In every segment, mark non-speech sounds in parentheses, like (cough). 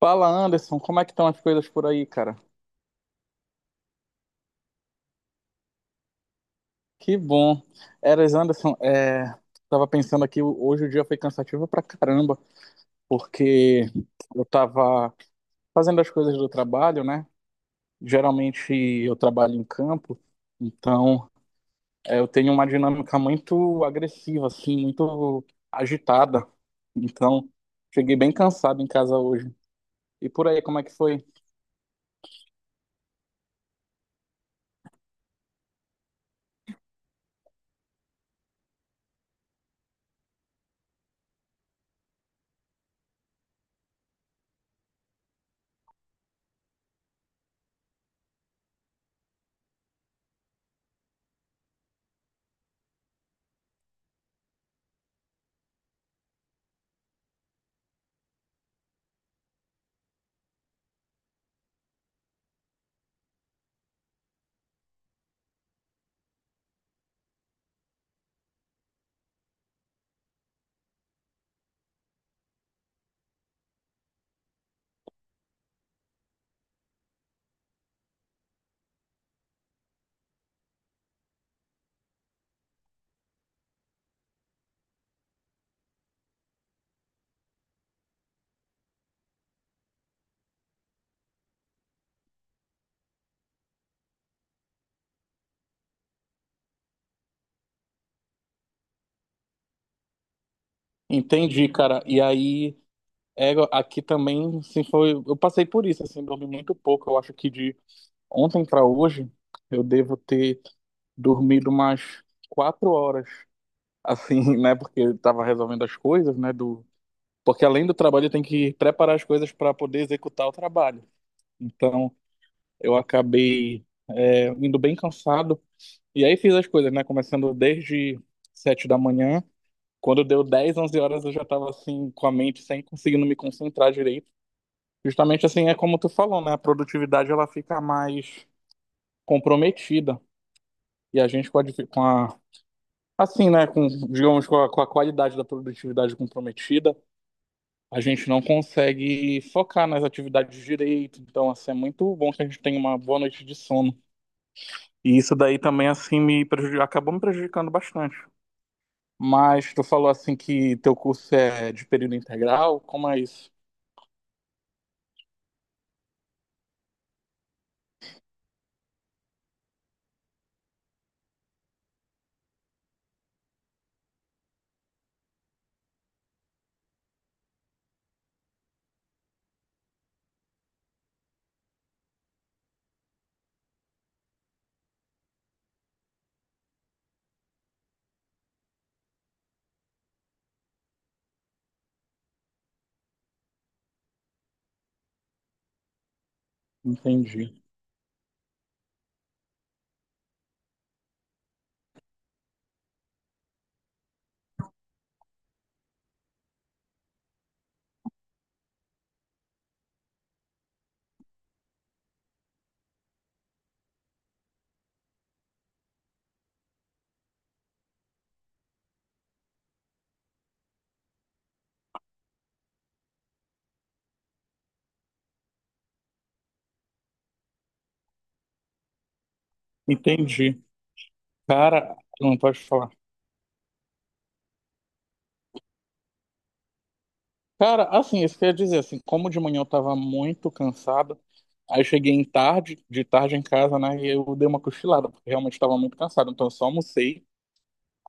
Fala, Anderson, como é que estão as coisas por aí, cara? Que bom. Eras, Anderson, tava pensando aqui, hoje o dia foi cansativo pra caramba, porque eu tava fazendo as coisas do trabalho, né? Geralmente eu trabalho em campo, então eu tenho uma dinâmica muito agressiva, assim, muito agitada. Então, cheguei bem cansado em casa hoje. E por aí, como é que foi? Entendi, cara. E aí. É, aqui também, assim, foi. Eu passei por isso, assim, dormi muito pouco. Eu acho que de ontem para hoje eu devo ter dormido umas 4 horas, assim, (laughs) né? Porque eu tava resolvendo as coisas, né? Do... Porque além do trabalho, eu tenho que preparar as coisas para poder executar o trabalho. Então, eu acabei, indo bem cansado. E aí fiz as coisas, né? Começando desde 7 da manhã. Quando deu 10, 11 horas, eu já tava assim, com a mente sem conseguindo me concentrar direito. Justamente assim, é como tu falou, né? A produtividade ela fica mais comprometida. E a gente com a, difi- com a- assim, né? Com, digamos, com a qualidade da produtividade comprometida, a gente não consegue focar nas atividades direito. Então, assim, é muito bom que a gente tenha uma boa noite de sono. E isso daí também, assim, acabou me prejudicando bastante. Mas tu falou, assim, que teu curso é de período integral? Como é isso? Entendi. Entendi. Cara, não pode falar. Cara, assim, isso quer dizer, assim, como de manhã eu tava muito cansado, aí eu cheguei em tarde, de tarde em casa, né, e eu dei uma cochilada, porque realmente tava muito cansado, então eu só almocei,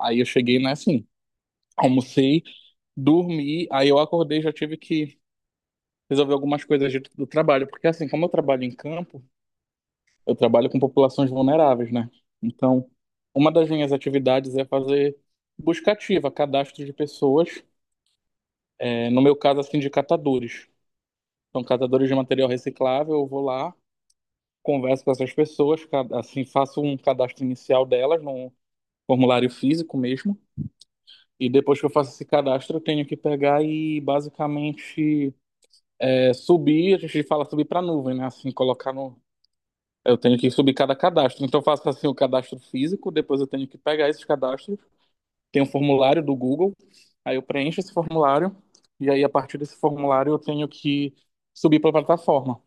aí eu cheguei, né, assim, almocei, dormi, aí eu acordei, já tive que resolver algumas coisas do trabalho, porque assim, como eu trabalho em campo, eu trabalho com populações vulneráveis, né, então uma das minhas atividades é fazer busca ativa, cadastro de pessoas, é, no meu caso, assim, de catadores, são catadores de material reciclável, eu vou lá, converso com essas pessoas, assim, faço um cadastro inicial delas num formulário físico mesmo. E depois que eu faço esse cadastro, eu tenho que pegar e basicamente subir, a gente fala subir para a nuvem, né? Assim, colocar no. Eu tenho que subir cada cadastro. Então eu faço assim o cadastro físico, depois eu tenho que pegar esses cadastros, tem um formulário do Google, aí eu preencho esse formulário, e aí a partir desse formulário eu tenho que subir para a plataforma.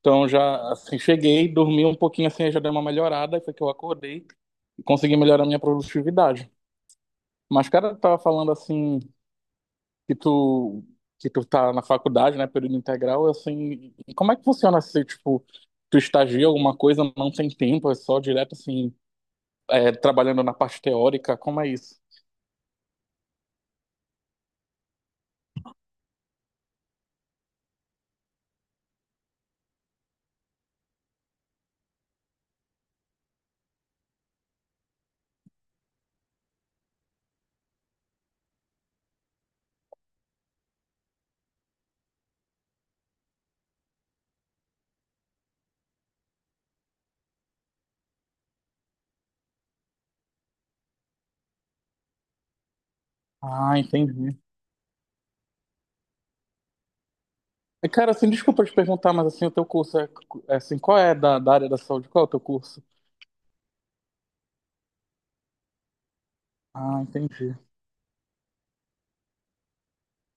Então já assim, cheguei, dormi um pouquinho assim, já dei uma melhorada, aí foi que eu acordei, conseguir melhorar minha produtividade. Mas, cara, tu tava falando assim que tu tá na faculdade, né, período integral, assim, e como é que funciona se, tipo, tu estagia alguma coisa, não tem tempo, é só direto, assim, trabalhando na parte teórica, como é isso? Ah, entendi. E, cara, assim, desculpa te perguntar, mas, assim, o teu curso é, assim, qual é da área da saúde? Qual é o teu curso? Ah, entendi.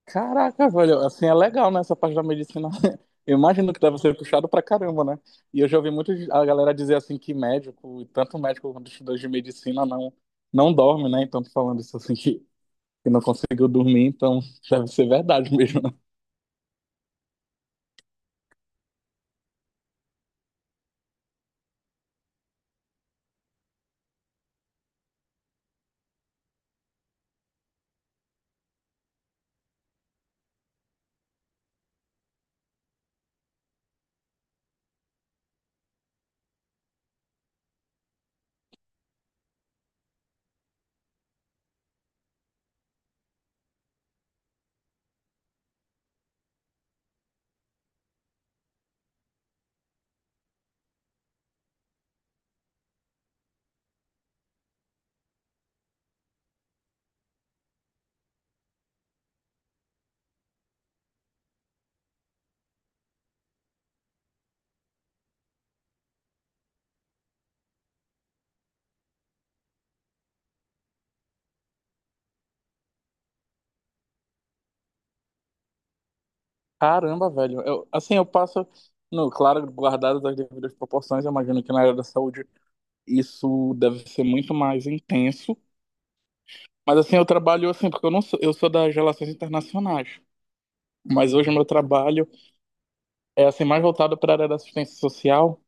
Caraca, velho, assim é legal, né? Essa parte da medicina. (laughs) Eu imagino que deve ser puxado pra caramba, né? E eu já ouvi muito a galera dizer assim que médico, e tanto médico quanto estudante de medicina, não, não dorme, né? Então, tô falando isso assim que não conseguiu dormir, então (laughs) deve ser verdade mesmo, né? Caramba, velho. Eu, assim, eu passo, no, claro, guardado das devidas proporções, eu imagino que na área da saúde isso deve ser muito mais intenso. Mas assim, eu trabalho assim, porque eu não sou, eu sou das Relações Internacionais. Mas hoje o meu trabalho é assim mais voltado para a área da assistência social,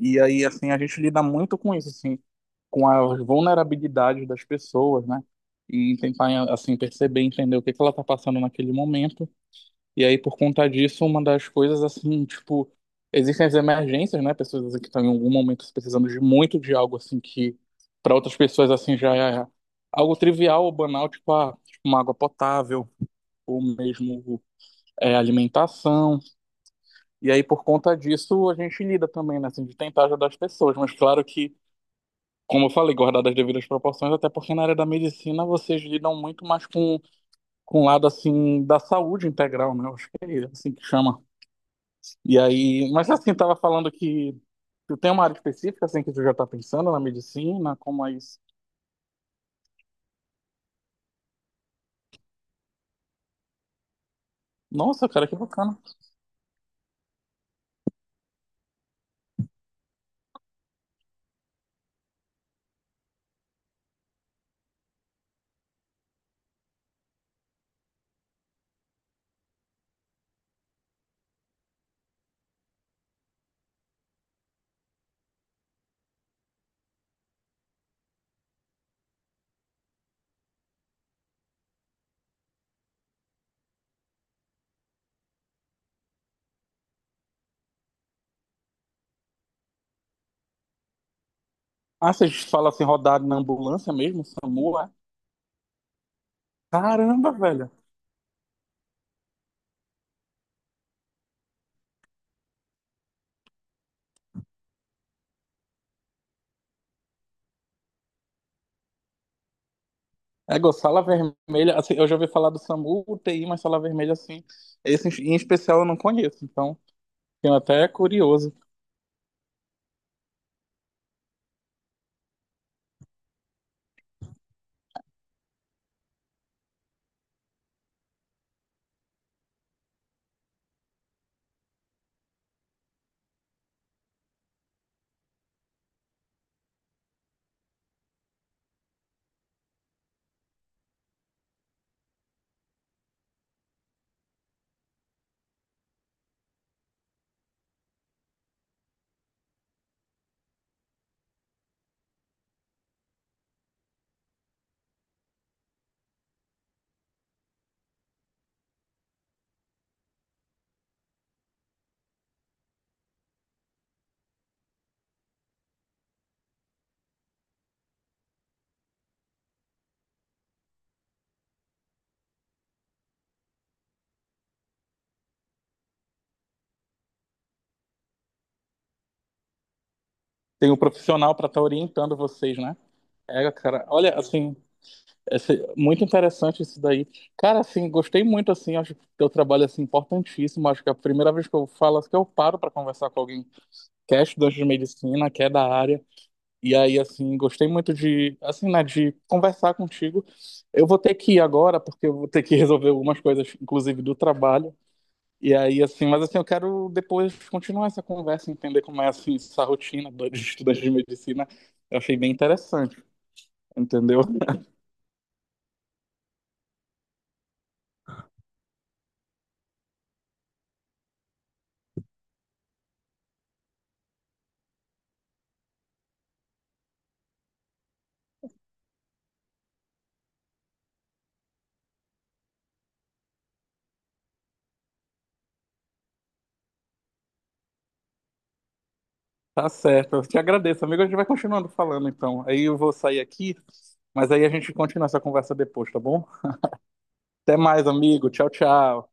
e aí assim a gente lida muito com isso assim, com as vulnerabilidades das pessoas, né, e tentar assim perceber, entender o que que ela está passando naquele momento. E aí, por conta disso, uma das coisas assim, tipo, existem as emergências, né, pessoas assim, que estão em algum momento precisando de muito de algo assim que para outras pessoas assim já é algo trivial ou banal, tipo, ah, tipo uma água potável ou mesmo alimentação. E aí, por conta disso, a gente lida também, né, assim, de tentar ajudar as pessoas. Mas claro que, como eu falei, guardar as devidas proporções, até porque na área da medicina vocês lidam muito mais com o lado, assim, da saúde integral, né? Eu acho que é assim que chama. E aí, mas assim, tava falando que tu tem uma área específica, assim, que tu já tá pensando na medicina, como é isso? Nossa, cara, que bacana. Ah, vocês falam assim, rodar na ambulância mesmo, SAMU, é? Caramba, velho. É, Gô, sala vermelha, assim, eu já ouvi falar do SAMU, UTI, mas sala vermelha, assim, esse em especial eu não conheço, então fiquei até curioso. Tem um profissional para estar orientando vocês, né? É, cara, olha, assim, muito interessante isso daí. Cara, assim, gostei muito, assim, acho que teu trabalho, assim, importantíssimo, acho que é a primeira vez que eu falo, assim, que eu paro para conversar com alguém que é estudante de medicina, que é da área. E aí, assim, gostei muito de, assim, né, de conversar contigo. Eu vou ter que ir agora, porque eu vou ter que (laughs) resolver algumas coisas, inclusive do trabalho. E aí, assim, mas assim, eu quero depois continuar essa conversa, entender como é, assim, essa rotina de estudante de medicina. Eu achei bem interessante, entendeu? (laughs) Tá certo. Eu te agradeço, amigo. A gente vai continuando falando, então. Aí eu vou sair aqui, mas aí a gente continua essa conversa depois, tá bom? Até mais, amigo. Tchau, tchau.